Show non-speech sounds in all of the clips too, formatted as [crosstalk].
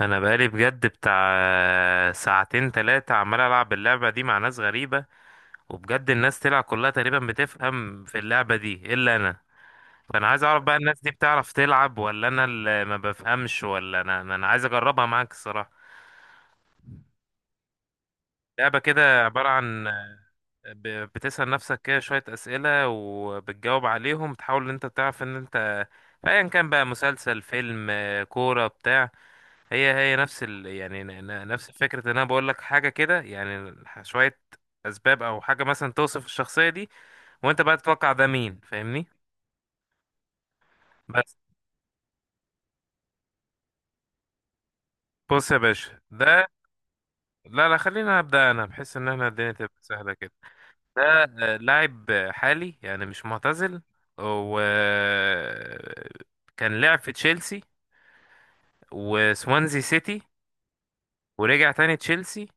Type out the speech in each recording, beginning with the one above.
انا بقالي بجد بتاع ساعتين تلاتة عمال العب اللعبة دي مع ناس غريبة. وبجد الناس تلعب كلها تقريبا بتفهم في اللعبة دي الا انا. فانا عايز اعرف بقى، الناس دي بتعرف تلعب ولا انا اللي ما بفهمش؟ ولا انا انا أنا عايز اجربها معاك الصراحة. لعبة كده عبارة عن بتسأل نفسك كده شوية أسئلة، وبتجاوب عليهم، تحاول ان انت تعرف ان انت ايا كان بقى، مسلسل، فيلم، كورة، بتاع. هي هي نفس ال يعني نفس فكرة ان انا بقول لك حاجة كده، يعني شوية اسباب او حاجة مثلا توصف الشخصية دي، وانت بقى تتوقع ده مين، فاهمني؟ بس. بص يا باشا، ده. لا لا، خلينا ابدا، انا بحس ان احنا الدنيا تبقى سهلة كده. ده لاعب حالي يعني مش معتزل. و كان لعب في تشيلسي وسوانزي سيتي. ورجع تاني تشيلسي،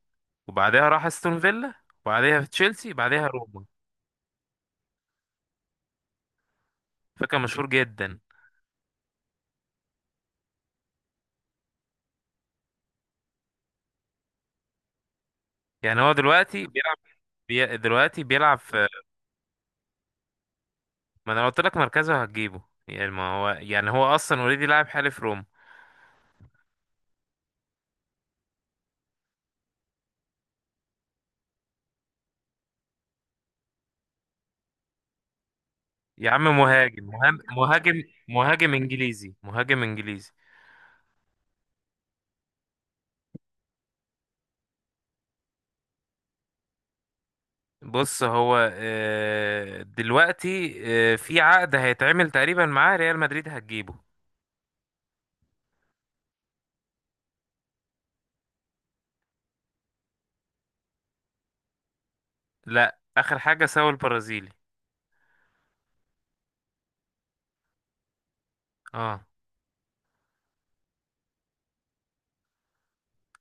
وبعدها راح استون فيلا، وبعدها في تشيلسي، بعدها روما. فكان مشهور جدا. يعني هو دلوقتي بيلعب دلوقتي بيلعب في. ما انا قلت لك مركزه هتجيبه. يعني ما هو، يعني هو اصلا اوريدي لاعب حالي في روما. يا عم، مهاجم مهاجم مهاجم مهاجم انجليزي، مهاجم انجليزي. بص هو دلوقتي في عقد هيتعمل تقريبا معاه ريال مدريد هتجيبه. لا، اخر حاجه سوى البرازيلي. اه.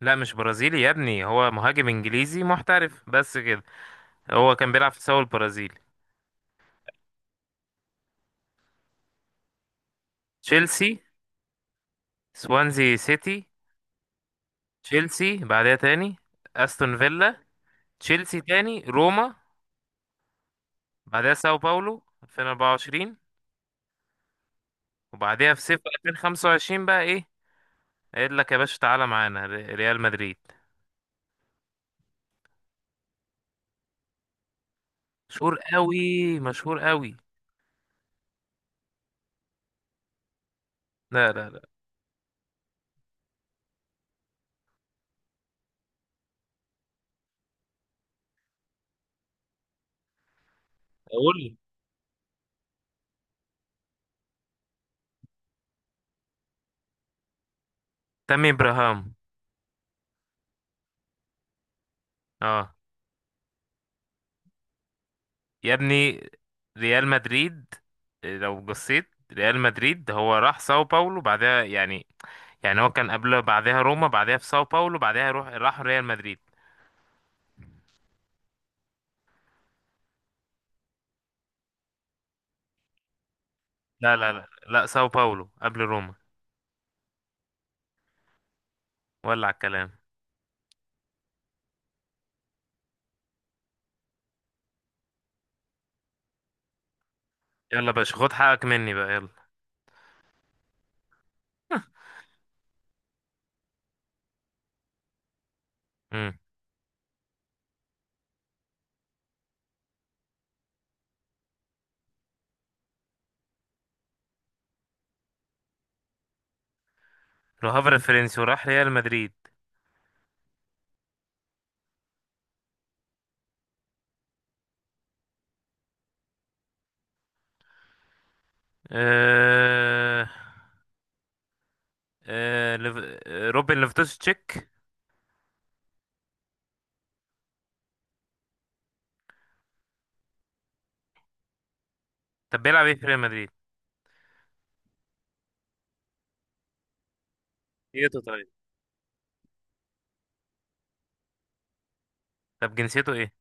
لا مش برازيلي يا ابني، هو مهاجم انجليزي محترف بس كده. هو كان بيلعب في سوى البرازيلي. تشيلسي، سوانزي سيتي، تشيلسي بعدها تاني، استون فيلا، تشيلسي تاني، روما، بعدها ساو باولو 2024، وبعدها في صيف 2025 بقى ايه قايل لك يا باشا؟ تعالى معانا ريال مدريد. مشهور قوي، مشهور قوي. لا لا لا، اقول لي. تامي ابراهام. اه. يا ابني ريال مدريد. لو بصيت ريال مدريد، هو راح ساو باولو بعدها يعني. يعني هو كان قبل، بعدها روما، بعدها في ساو باولو، بعدها راح ريال مدريد. لا لا لا لا، ساو باولو قبل روما. ولع الكلام. يلا يا باشا، خد حقك مني بقى، يلا. امم. لوهافر الفرنسي وراح ريال مدريد. أه... أه... ليف- روبن ليفتوس تشيك. طب بيلعب ايه في ريال مدريد؟ جنسيته، طيب؟ طب جنسيته ايه؟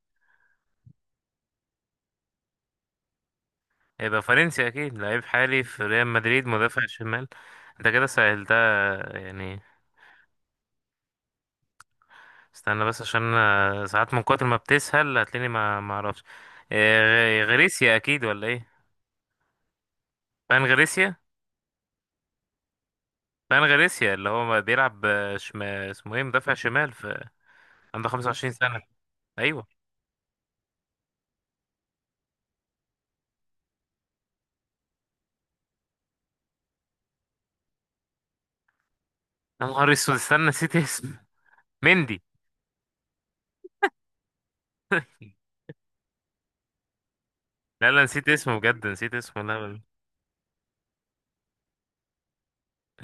هيبقى فرنسي اكيد، لعيب حالي في ريال مدريد، مدافع شمال. انت كده سهلتها يعني. استنى بس عشان أنا ساعات من كتر ما بتسهل هتلاقيني ما اعرفش. غريسيا اكيد ولا ايه؟ فان غريسيا. فان غاريسيا اللي هو بيلعب اسمه ايه، مدافع شمال في، عنده 25 سنة. ايوه. يا نهار اسود، استنى نسيت اسمه. مندي. لا لا، نسيت اسمه بجد، نسيت اسمه، لا لا.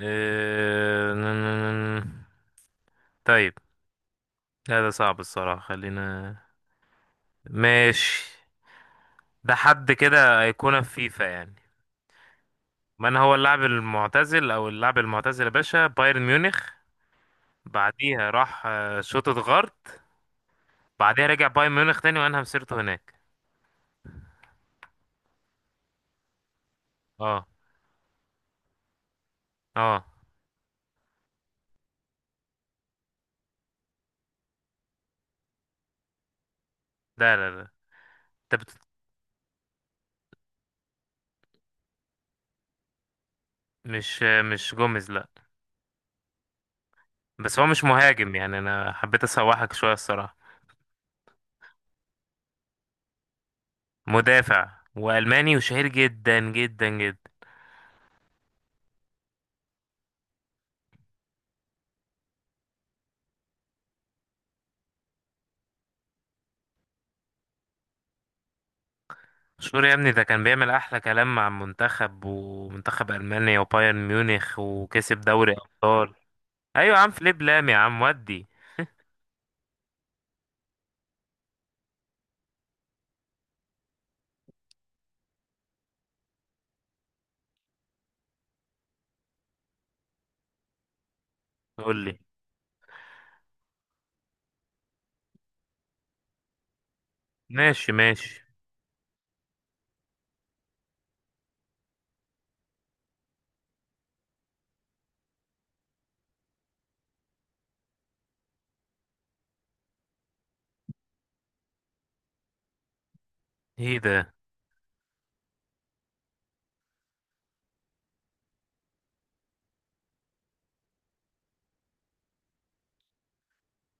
إيه... ن- ن- ن- طيب. لا ده صعب الصراحة، خلينا. ماشي. ده حد كده أيقونة في فيفا يعني. من هو اللاعب المعتزل أو اللاعب المعتزل يا باشا؟ بايرن ميونخ، بعديها راح شوتوتغارت، بعديها رجع بايرن ميونخ تاني وأنهى مسيرته هناك. اه اه. لا لا لا، انت مش مش جوميز؟ لا. بس هو مش مهاجم، يعني انا حبيت اسوحك شويه الصراحه. مدافع والماني وشهير جدا جدا جدا. مشهور يا ابني، ده كان بيعمل احلى كلام مع المنتخب ومنتخب المانيا وبايرن ميونخ، وكسب دوري ابطال. ايوه يا عم، فليب لام يا عم ودي. قول لي. ماشي ماشي. ايه ده؟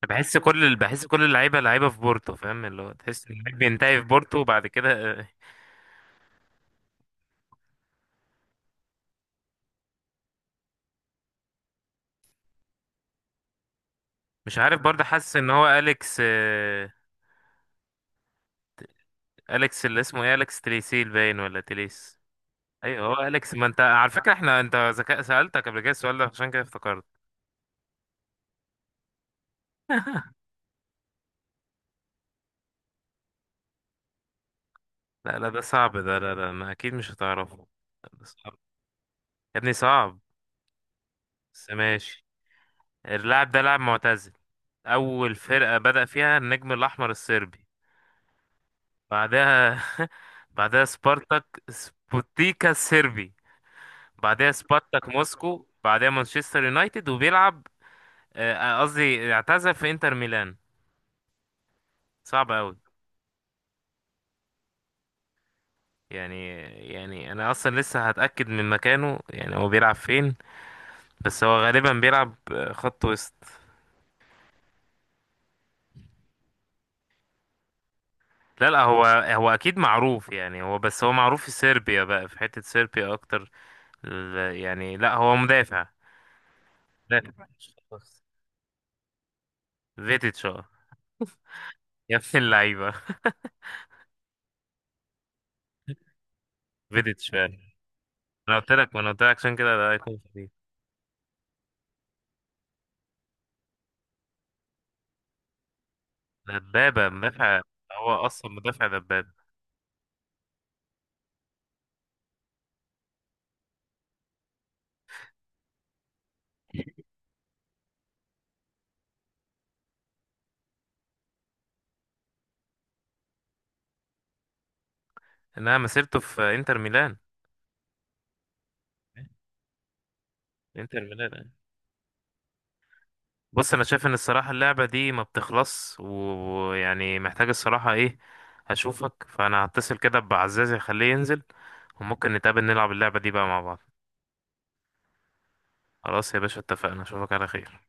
بحس كل اللعيبه، لعيبه في بورتو، فاهم اللي هو، تحس ان اللعيب بينتهي في بورتو وبعد كده. آه، مش عارف برضه. حاسس ان هو اليكس، اليكس اللي اسمه ايه، اليكس تليسيل باين ولا تليس؟ ايوه هو اليكس. ما انت على فكره احنا، انت ذكاء، سالتك قبل كده السؤال ده، عشان كده افتكرت. لا لا، ده صعب ده، لا لا، ما اكيد مش هتعرفه. ده صعب يا ابني، صعب. بس ماشي. اللاعب ده لاعب معتزل. اول فرقه بدأ فيها النجم الاحمر الصربي، بعدها [laughs] بعدها سبارتاك سبوتيكا الصربي، بعدها سبارتاك موسكو، بعدها مانشستر يونايتد وبيلعب، قصدي اعتزل في انتر ميلان. صعب قوي يعني. يعني انا اصلا لسه هتاكد من مكانه، يعني هو بيلعب فين؟ بس هو غالبا بيلعب خط وسط. لا لا، هو هو اكيد معروف يعني، هو بس هو معروف في صربيا بقى، في حته صربيا اكتر. يعني لا هو مدافع. مدافع خلاص. فيديتش. اه. يا ابن اللعيبه، فيديتش فعلا. انا قلت لك، ما انا قلت لك عشان كده ده هيكون خطير. دبابه مدافع، هو اصلا مدافع دبابه. انها مسيرته في انتر ميلان، انتر ميلان. آه. بص، انا شايف ان الصراحه اللعبه دي ما بتخلص ويعني، محتاج الصراحه ايه، هشوفك. فانا هتصل كده بعزازي اخليه ينزل، وممكن نتقابل نلعب اللعبه دي بقى مع بعض. خلاص يا باشا اتفقنا، اشوفك على خير.